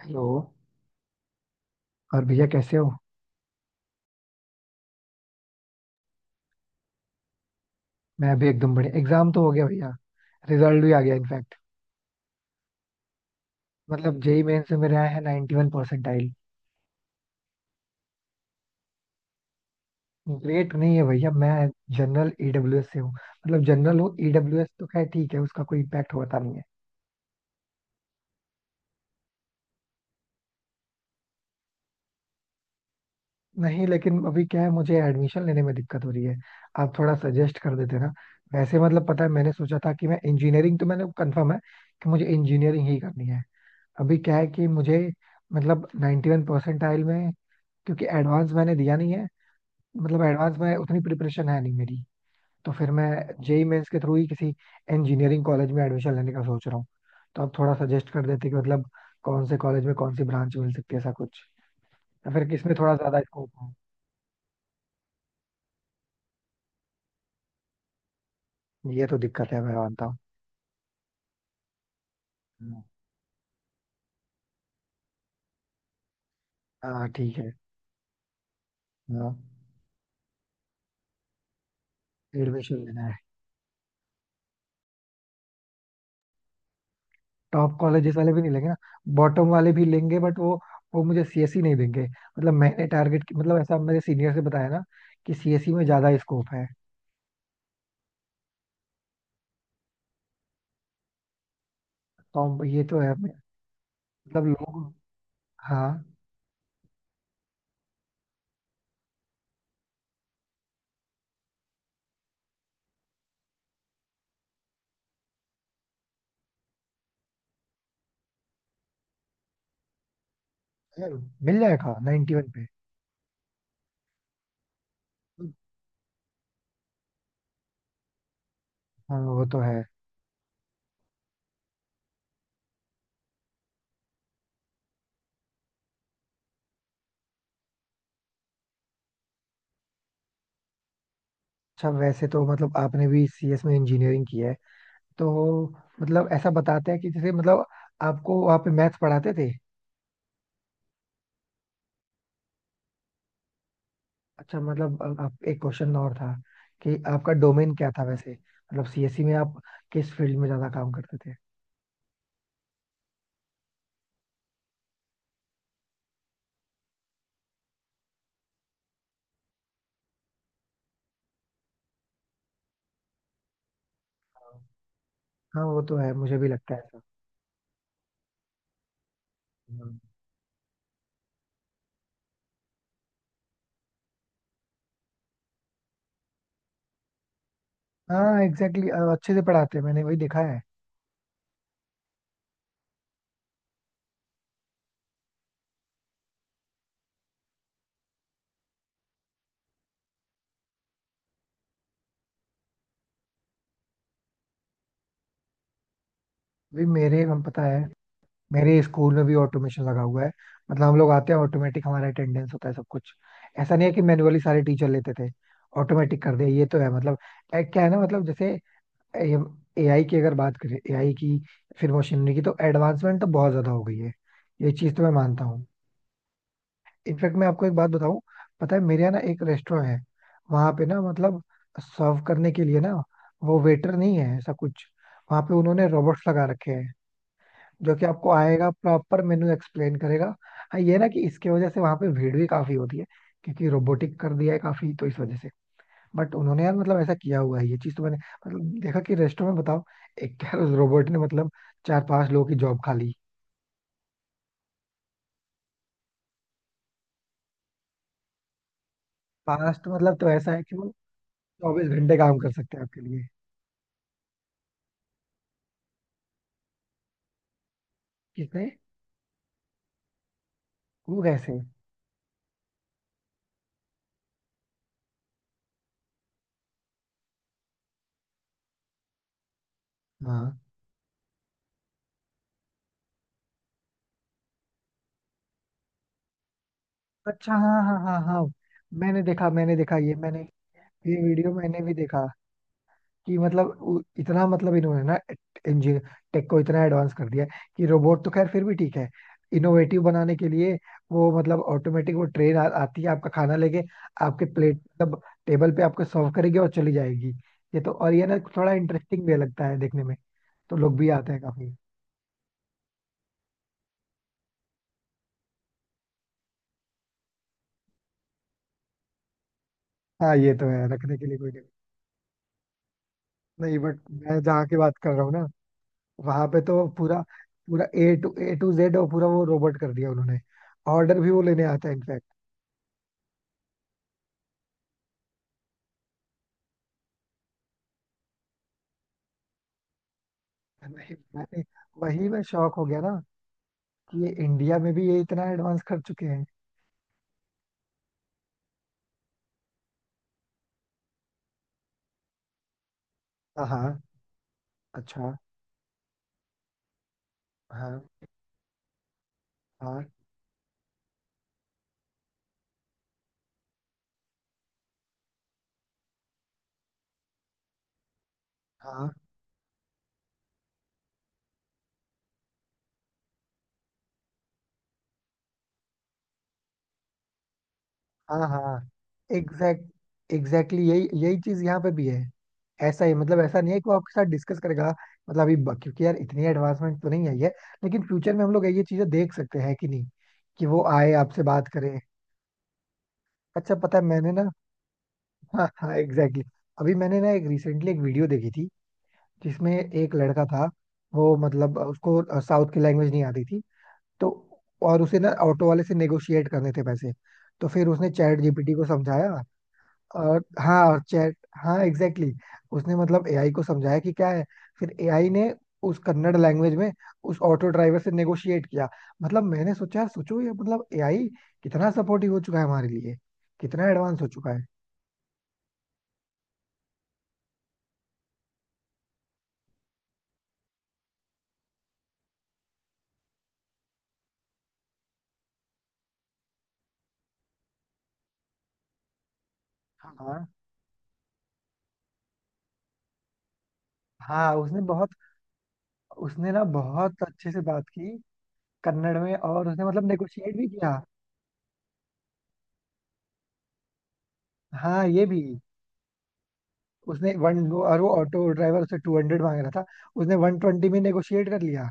Hello. और भैया कैसे हो? मैं अभी एकदम बढ़िया। एग्जाम तो हो गया भैया। रिजल्ट भी आ गया इनफैक्ट। मतलब जेई मेन से मेरे आए हैं 91 परसेंटाइल। ग्रेट नहीं है भैया। मैं जनरल ईडब्ल्यूएस से हूँ, मतलब जनरल हूँ। ईडब्ल्यूएस तो खैर ठीक है, उसका कोई इम्पैक्ट होता नहीं है। नहीं, लेकिन अभी क्या है, मुझे एडमिशन लेने में दिक्कत हो रही है। आप थोड़ा सजेस्ट कर देते ना। वैसे मतलब पता है, मैंने सोचा था कि मैं इंजीनियरिंग, तो मैंने कंफर्म है कि मुझे इंजीनियरिंग ही करनी है। अभी क्या है कि मुझे, मतलब 91 परसेंटाइल में, क्योंकि एडवांस मैंने दिया नहीं है, मतलब एडवांस में उतनी प्रिपरेशन है नहीं मेरी। तो फिर मैं जेई मेंस के थ्रू ही किसी इंजीनियरिंग कॉलेज में एडमिशन लेने का सोच रहा हूँ। तो आप थोड़ा सजेस्ट कर देते कि मतलब कौन से कॉलेज में कौन सी ब्रांच मिल सकती है, ऐसा कुछ, या फिर किसमें थोड़ा ज्यादा स्कोप है? ये तो दिक्कत है, मैं मानता हूँ। हाँ, ठीक है। हाँ। एडमिशन लेना है। टॉप कॉलेजेस वाले भी नहीं लेंगे ना? बॉटम वाले भी लेंगे, बट वो मुझे सीएसई नहीं देंगे, मतलब मैंने टारगेट, मतलब ऐसा मेरे सीनियर से बताया ना कि सीएसई में ज्यादा स्कोप है। तो ये तो है मतलब लोग। हाँ। यार, मिल जाएगा 91 पे? हाँ, वो तो है। अच्छा, वैसे तो मतलब आपने भी सीएस में इंजीनियरिंग की है तो, मतलब ऐसा बताते हैं कि जैसे, मतलब आपको वहाँ पे मैथ्स पढ़ाते थे? अच्छा, मतलब आप, एक क्वेश्चन और था कि आपका डोमेन क्या था वैसे, मतलब सीएससी में आप किस फील्ड में ज्यादा काम करते थे? हाँ, वो तो है, मुझे भी लगता है ऐसा। हाँ एग्जैक्टली exactly, अच्छे से पढ़ाते हैं, मैंने वही देखा है। भी मेरे हम पता है, मेरे स्कूल में भी ऑटोमेशन लगा हुआ है। मतलब हम लोग आते हैं, ऑटोमेटिक हमारा अटेंडेंस होता है, सब कुछ। ऐसा नहीं है कि मैनुअली सारे टीचर लेते थे, ऑटोमेटिक कर दिया। ये तो है मतलब। ए, क्या है ना, मतलब जैसे एआई की अगर बात करें, एआई की फिर मशीनरी की, तो एडवांसमेंट तो बहुत ज्यादा हो गई है। ये चीज तो मैं मानता हूँ। इनफैक्ट मैं आपको एक बात बताऊँ। पता है, मेरे यहाँ ना एक रेस्टोरेंट है। वहां पे ना मतलब सर्व करने के लिए ना, वो वेटर नहीं है, ऐसा कुछ। वहां पे उन्होंने रोबोट्स लगा रखे हैं जो कि आपको आएगा, प्रॉपर मेनू एक्सप्लेन करेगा। हाँ ये ना, कि इसके वजह से वहां पे भीड़ भी काफी होती है क्योंकि रोबोटिक कर दिया है काफी, तो इस वजह से। बट उन्होंने यार, मतलब ऐसा किया हुआ है, ये चीज तो मैंने मतलब देखा कि रेस्टोरेंट में। बताओ, एक यार, उस रोबोट ने मतलब चार पांच लोगों की जॉब खा ली। पांच तो मतलब, तो ऐसा है कि वो 24 घंटे काम कर सकते हैं आपके लिए। किसने? वो कैसे? हाँ। अच्छा, हाँ हाँ हाँ हाँ। मैंने देखा, मैंने देखा ये, मैंने, ये वीडियो मैंने भी देखा कि मतलब इतना, मतलब इन्होंने ना इंजीनियर टेक को इतना एडवांस कर दिया है कि रोबोट तो खैर फिर भी ठीक है, इनोवेटिव बनाने के लिए। वो मतलब ऑटोमेटिक वो ट्रेन आती है, आपका खाना लेके आपके प्लेट, मतलब टेबल पे आपको सर्व करेगी और चली जाएगी। ये तो, और ये ना थोड़ा इंटरेस्टिंग भी लगता है देखने में, तो लोग भी आते हैं काफी। हाँ ये तो है, रखने के लिए कोई नहीं। नहीं, बट मैं जहाँ की बात कर रहा हूँ ना, वहां पे तो पूरा, पूरा ए टू जेड और पूरा वो रोबोट कर दिया उन्होंने, ऑर्डर भी वो लेने आता है। नहीं मैंने, वही मैं शौक हो गया ना, कि ये इंडिया में भी ये इतना एडवांस कर चुके हैं। हाँ हाँ। अच्छा, हाँ हाँ हाँ हाँ। हाँ एग्जैक्टली यही यही चीज यहाँ पे भी है। ऐसा ही, मतलब ऐसा नहीं है कि वो आपके साथ डिस्कस करेगा। मतलब अभी क्योंकि यार, इतनी एडवांसमेंट तो नहीं आई है, लेकिन फ्यूचर में हम लोग ये चीजें देख सकते हैं कि नहीं, कि वो आए आपसे बात करे? अच्छा पता है, मैंने ना, हाँ हाँ एग्जैक्टली। अभी मैंने ना, एक रिसेंटली एक वीडियो देखी थी जिसमें एक लड़का था। वो मतलब उसको साउथ की लैंग्वेज नहीं आती थी, तो और उसे ना ऑटो वाले से नेगोशिएट करने थे पैसे। तो फिर उसने चैट जीपीटी को समझाया। और हाँ, और चैट, हाँ एग्जैक्टली exactly, उसने मतलब एआई को समझाया कि क्या है। फिर एआई ने उस कन्नड़ लैंग्वेज में उस ऑटो ड्राइवर से नेगोशिएट किया। मतलब मैंने सोचा यार, सोचो ये, मतलब एआई कितना सपोर्टिव हो चुका है हमारे लिए, कितना एडवांस हो चुका है। हाँ हाँ। उसने बहुत, उसने ना बहुत अच्छे से बात की कन्नड़ में, और उसने मतलब नेगोशिएट भी किया। हाँ, ये भी। उसने वन, और वो ऑटो ड्राइवर उससे 200 मांग रहा था, उसने 120 में नेगोशिएट कर लिया।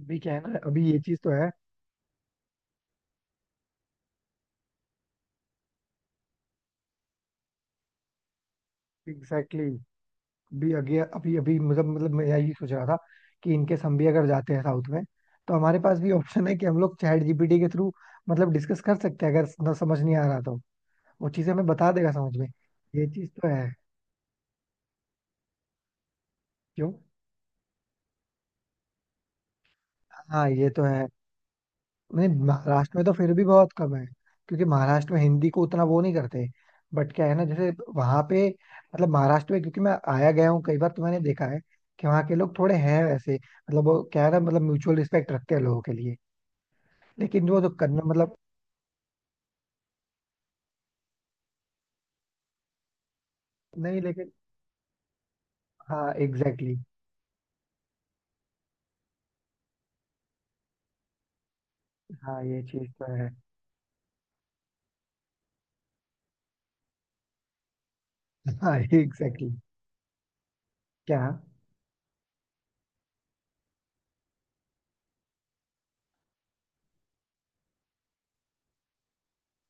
अभी क्या है ना, अभी ये चीज तो है। Exactly exactly. अभी अभी अभी अभी मतलब मैं यही सोच रहा था कि इनकेस हम भी अगर जाते हैं साउथ में, तो हमारे पास भी ऑप्शन है कि हम लोग चैट जीपीटी के थ्रू मतलब डिस्कस कर सकते हैं, अगर ना समझ नहीं आ रहा तो वो चीजें हमें बता देगा समझ में। ये चीज तो है। क्यों? हाँ, ये तो है। नहीं, महाराष्ट्र में तो फिर भी बहुत कम है क्योंकि महाराष्ट्र में हिंदी को उतना वो नहीं करते। बट क्या है ना जैसे, वहां पे, मतलब महाराष्ट्र में, क्योंकि मैं आया गया हूँ कई बार तो मैंने देखा है कि वहाँ के लोग थोड़े हैं वैसे, मतलब वो क्या है ना, मतलब म्यूचुअल रिस्पेक्ट रखते हैं लोगों के लिए, लेकिन वो तो करना मतलब। नहीं लेकिन, हाँ एग्जैक्टली exactly, हाँ ये चीज तो है। हाँ एग्जैक्टली exactly, क्या?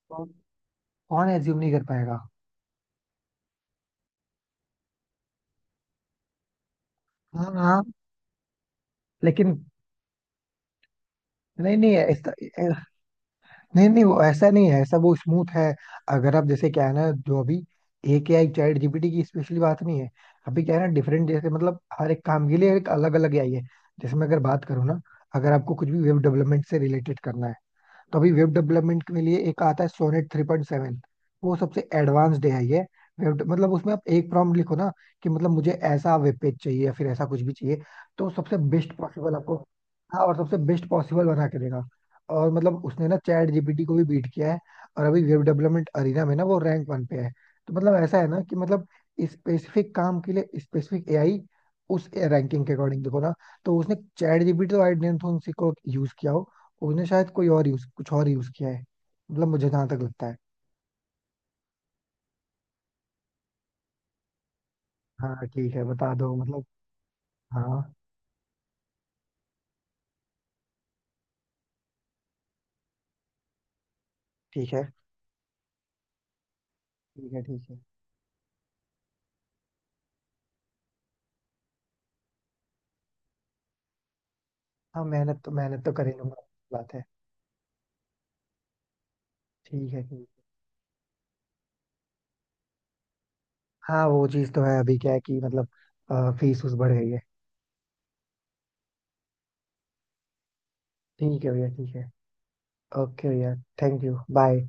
तो कौन एज्यूम नहीं कर पाएगा? हाँ हाँ। लेकिन, नहीं नहीं ऐसा, नहीं नहीं, वो ऐसा नहीं है, ऐसा वो स्मूथ है। अगर आप जैसे, क्या है ना, जो अभी एक एआई चैट जीपीटी की स्पेशली बात नहीं है। अभी क्या है ना, डिफरेंट, जैसे मतलब हर एक काम के लिए एक अलग अलग एआई है। जैसे मैं अगर बात करूँ ना, अगर आपको कुछ भी वेब डेवलपमेंट से रिलेटेड करना है, तो अभी वेब डेवलपमेंट के लिए एक आता है, सोनेट 3.7। वो सबसे एडवांस्ड है ये। वेब, मतलब उसमें आप एक प्रॉम्प्ट लिखो ना कि मतलब मुझे ऐसा वेब पेज चाहिए, या फिर ऐसा कुछ भी चाहिए, तो सबसे बेस्ट पॉसिबल आपको, हाँ, और सबसे बेस्ट पॉसिबल बना के देगा। और मतलब उसने ना चैट जीपीटी को भी बीट किया है। और अभी वेब डेवलपमेंट अरीना में ना वो रैंक वन पे है। तो मतलब ऐसा है ना कि मतलब स्पेसिफिक काम के लिए स्पेसिफिक एआई, उस रैंकिंग के अकॉर्डिंग देखो ना। तो उसने चैट जीपीटी तो, आई डोंट थिंक, यूज किया हो। उसने शायद कोई और यूज, कुछ और यूज किया है, मतलब मुझे जहां तक लगता है। हाँ ठीक है, बता दो मतलब। हाँ, ठीक है, ठीक है ठीक है। हाँ मेहनत तो, मेहनत तो कर ही लूंगा। बात है। ठीक है, ठीक। हाँ वो चीज तो है, अभी क्या है कि मतलब फीस उस बढ़ गई है। ठीक है भैया, ठीक है। ओके भैया। Thank you, bye.